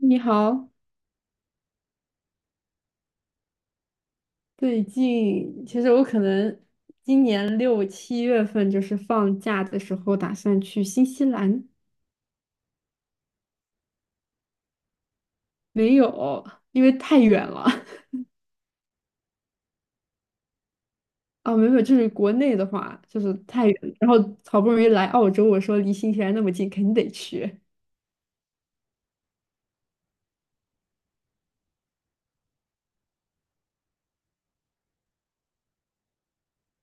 你好，最近其实我可能今年6、7月份就是放假的时候，打算去新西兰。没有，因为太远了。 啊，没有，就是国内的话就是太远了，然后好不容易来澳洲，我说离新西兰那么近，肯定得去。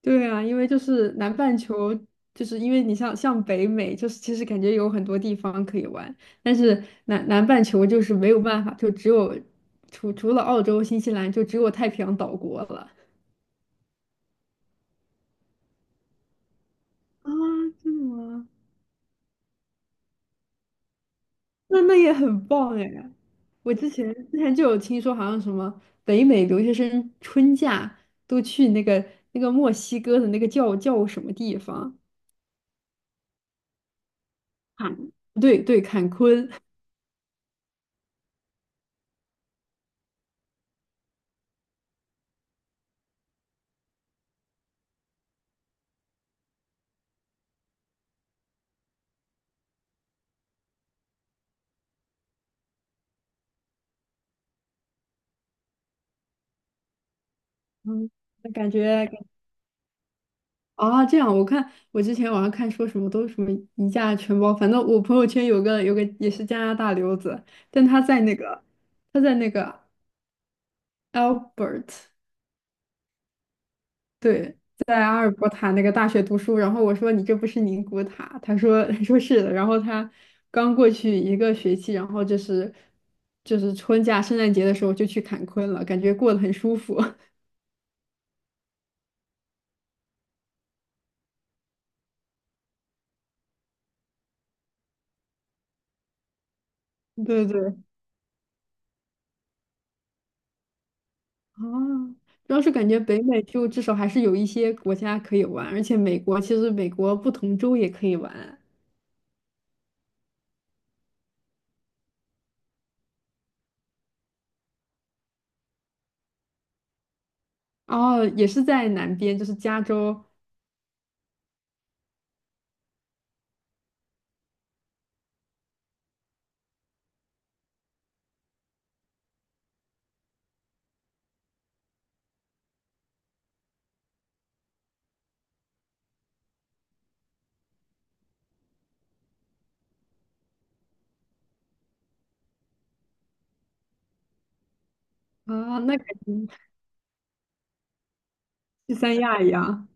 对啊，因为就是南半球，就是因为你像北美，就是其实感觉有很多地方可以玩，但是南半球就是没有办法，就只有除了澳洲、新西兰，就只有太平洋岛国了。啊，真的吗？那也很棒哎！我之前就有听说，好像什么北美留学生春假都去那个墨西哥的那个叫什么地方？坎，对对，坎昆。嗯，那感觉啊，这样，我看我之前网上看说什么都是什么一价全包，反正我朋友圈有个也是加拿大留子，但他在那个 Albert。 对，在阿尔伯塔那个大学读书，然后我说你这不是宁古塔，他说 他说是的。然后他刚过去一个学期，然后就是春假圣诞节的时候就去坎昆了，感觉过得很舒服。对对。哦，主要是感觉北美就至少还是有一些国家可以玩，而且美国，其实美国不同州也可以玩。哦，也是在南边，就是加州。啊，那感觉去三亚一样。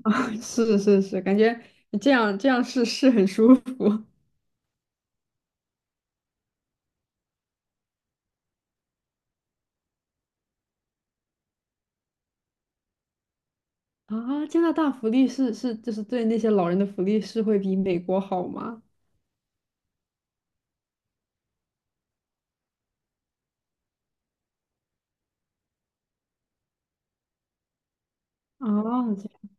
是是是，感觉这样是很舒服。啊，加拿大福利是就是对那些老人的福利是会比美国好吗？哦，这样。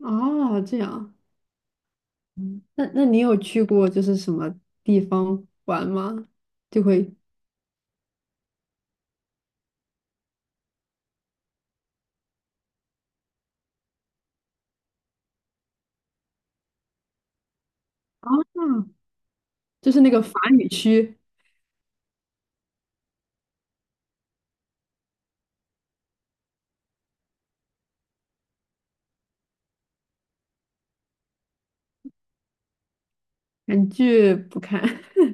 哦，这样。嗯，那你有去过就是什么地方玩吗？就会。啊。就是那个法语区。韩剧不看。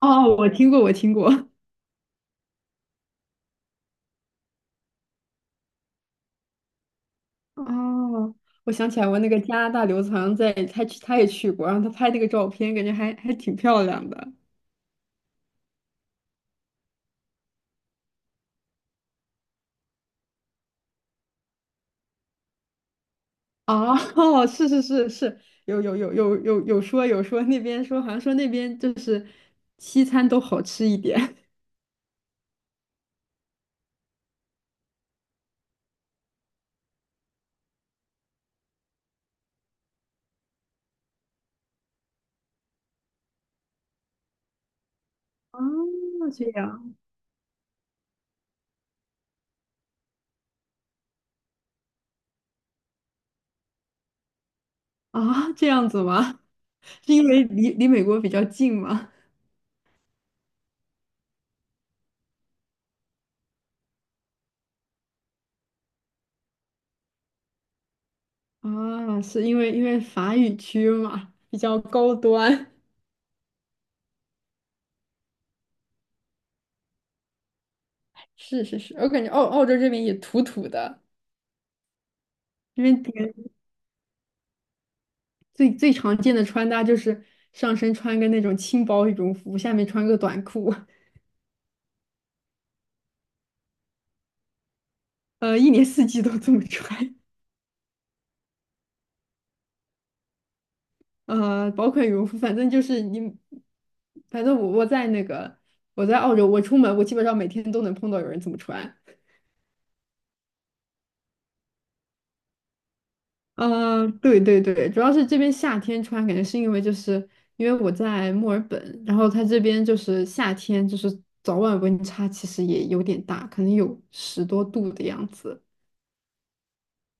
哦，我听过，我听过。哦，我想起来，我那个加拿大留子好像在，他去，他也去过，然后他拍那个照片，感觉还挺漂亮的。哦，是是是是，有说那边说，好像说那边就是西餐都好吃一点。哦，这样啊，这样子吗？是因为离美国比较近吗？啊，是因为法语区嘛，比较高端。是是是，我感觉澳洲这边也土土的，因为这边最最常见的穿搭就是上身穿个那种轻薄羽绒服，下面穿个短裤。一年四季都这么穿。薄款羽绒服，反正就是你，反正我在澳洲，我出门我基本上每天都能碰到有人这么穿。对对对，主要是这边夏天穿，感觉是因为就是因为我在墨尔本，然后它这边就是夏天就是早晚温差其实也有点大，可能有十多度的样子。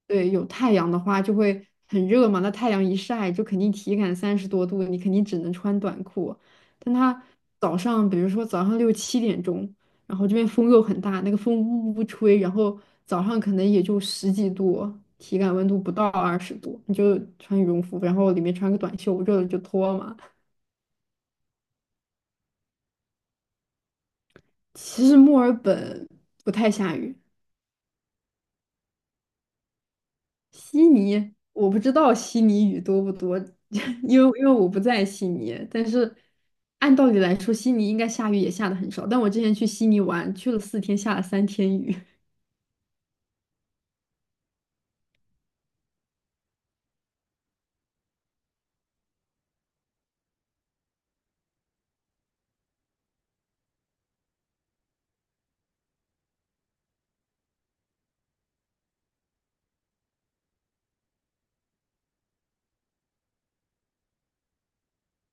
对，有太阳的话就会很热嘛，那太阳一晒就肯定体感30多度，你肯定只能穿短裤。但它早上，比如说早上6、7点钟，然后这边风又很大，那个风呜呜吹，然后早上可能也就10几度，体感温度不到20度，你就穿羽绒服，然后里面穿个短袖，热了就脱嘛。其实墨尔本不太下雨。悉尼，我不知道悉尼雨多不多。因为我不在悉尼。但是按道理来说，悉尼应该下雨也下的很少。但我之前去悉尼玩，去了4天，下了3天雨。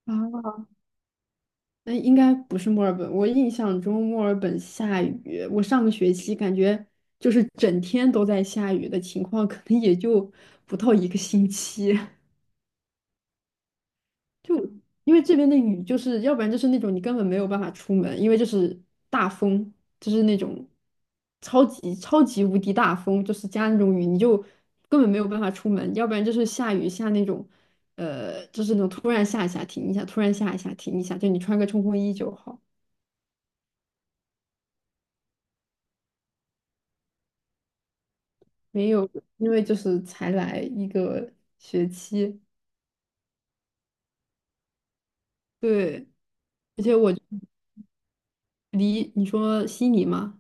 啊，那应该不是墨尔本，我印象中墨尔本下雨，我上个学期感觉就是整天都在下雨的情况，可能也就不到一个星期。就因为这边的雨，就是要不然就是那种你根本没有办法出门，因为就是大风，就是那种超级超级无敌大风，就是加那种雨，你就根本没有办法出门；要不然就是下雨下那种，就是那种突然下一下停一下，突然下一下停一下，就你穿个冲锋衣就好。没有，因为就是才来一个学期。对，而且我离你说悉尼吗？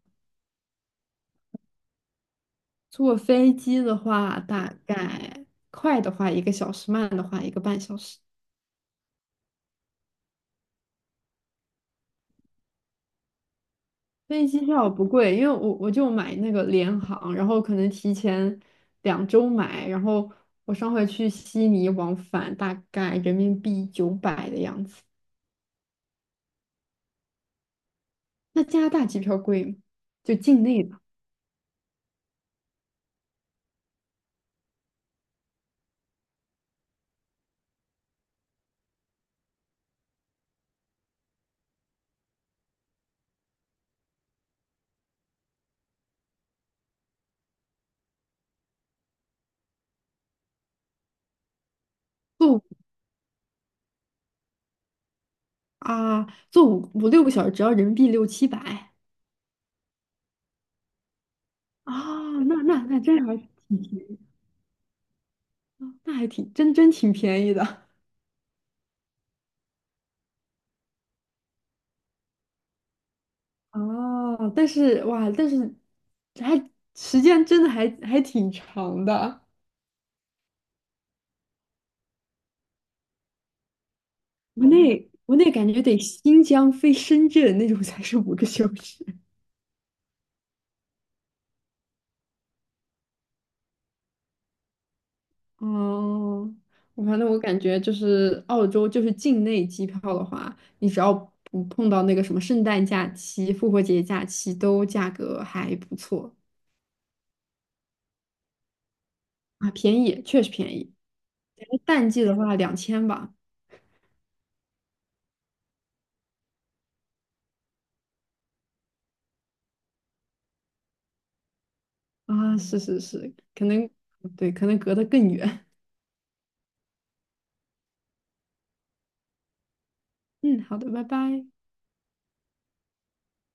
坐飞机的话，大概快的话一个小时，慢的话一个半小时。飞机票不贵，因为我就买那个联航，然后可能提前2周买，然后我上回去悉尼往返大概人民币900的样子。那加拿大机票贵吗？就境内的。坐五啊，坐五六个小时只要人民币6、700。啊，那真还挺便宜，那还挺真真挺便宜的。哦，但是哇，还时间真的还挺长的。国内感觉得新疆飞深圳那种才是5个小时。哦，我反正我感觉就是澳洲就是境内机票的话，你只要不碰到那个什么圣诞假期、复活节假期，都价格还不错。啊，便宜，确实便宜。然后淡季的话2000吧。啊，是是是，可能对，可能隔得更远。嗯，好的，拜拜。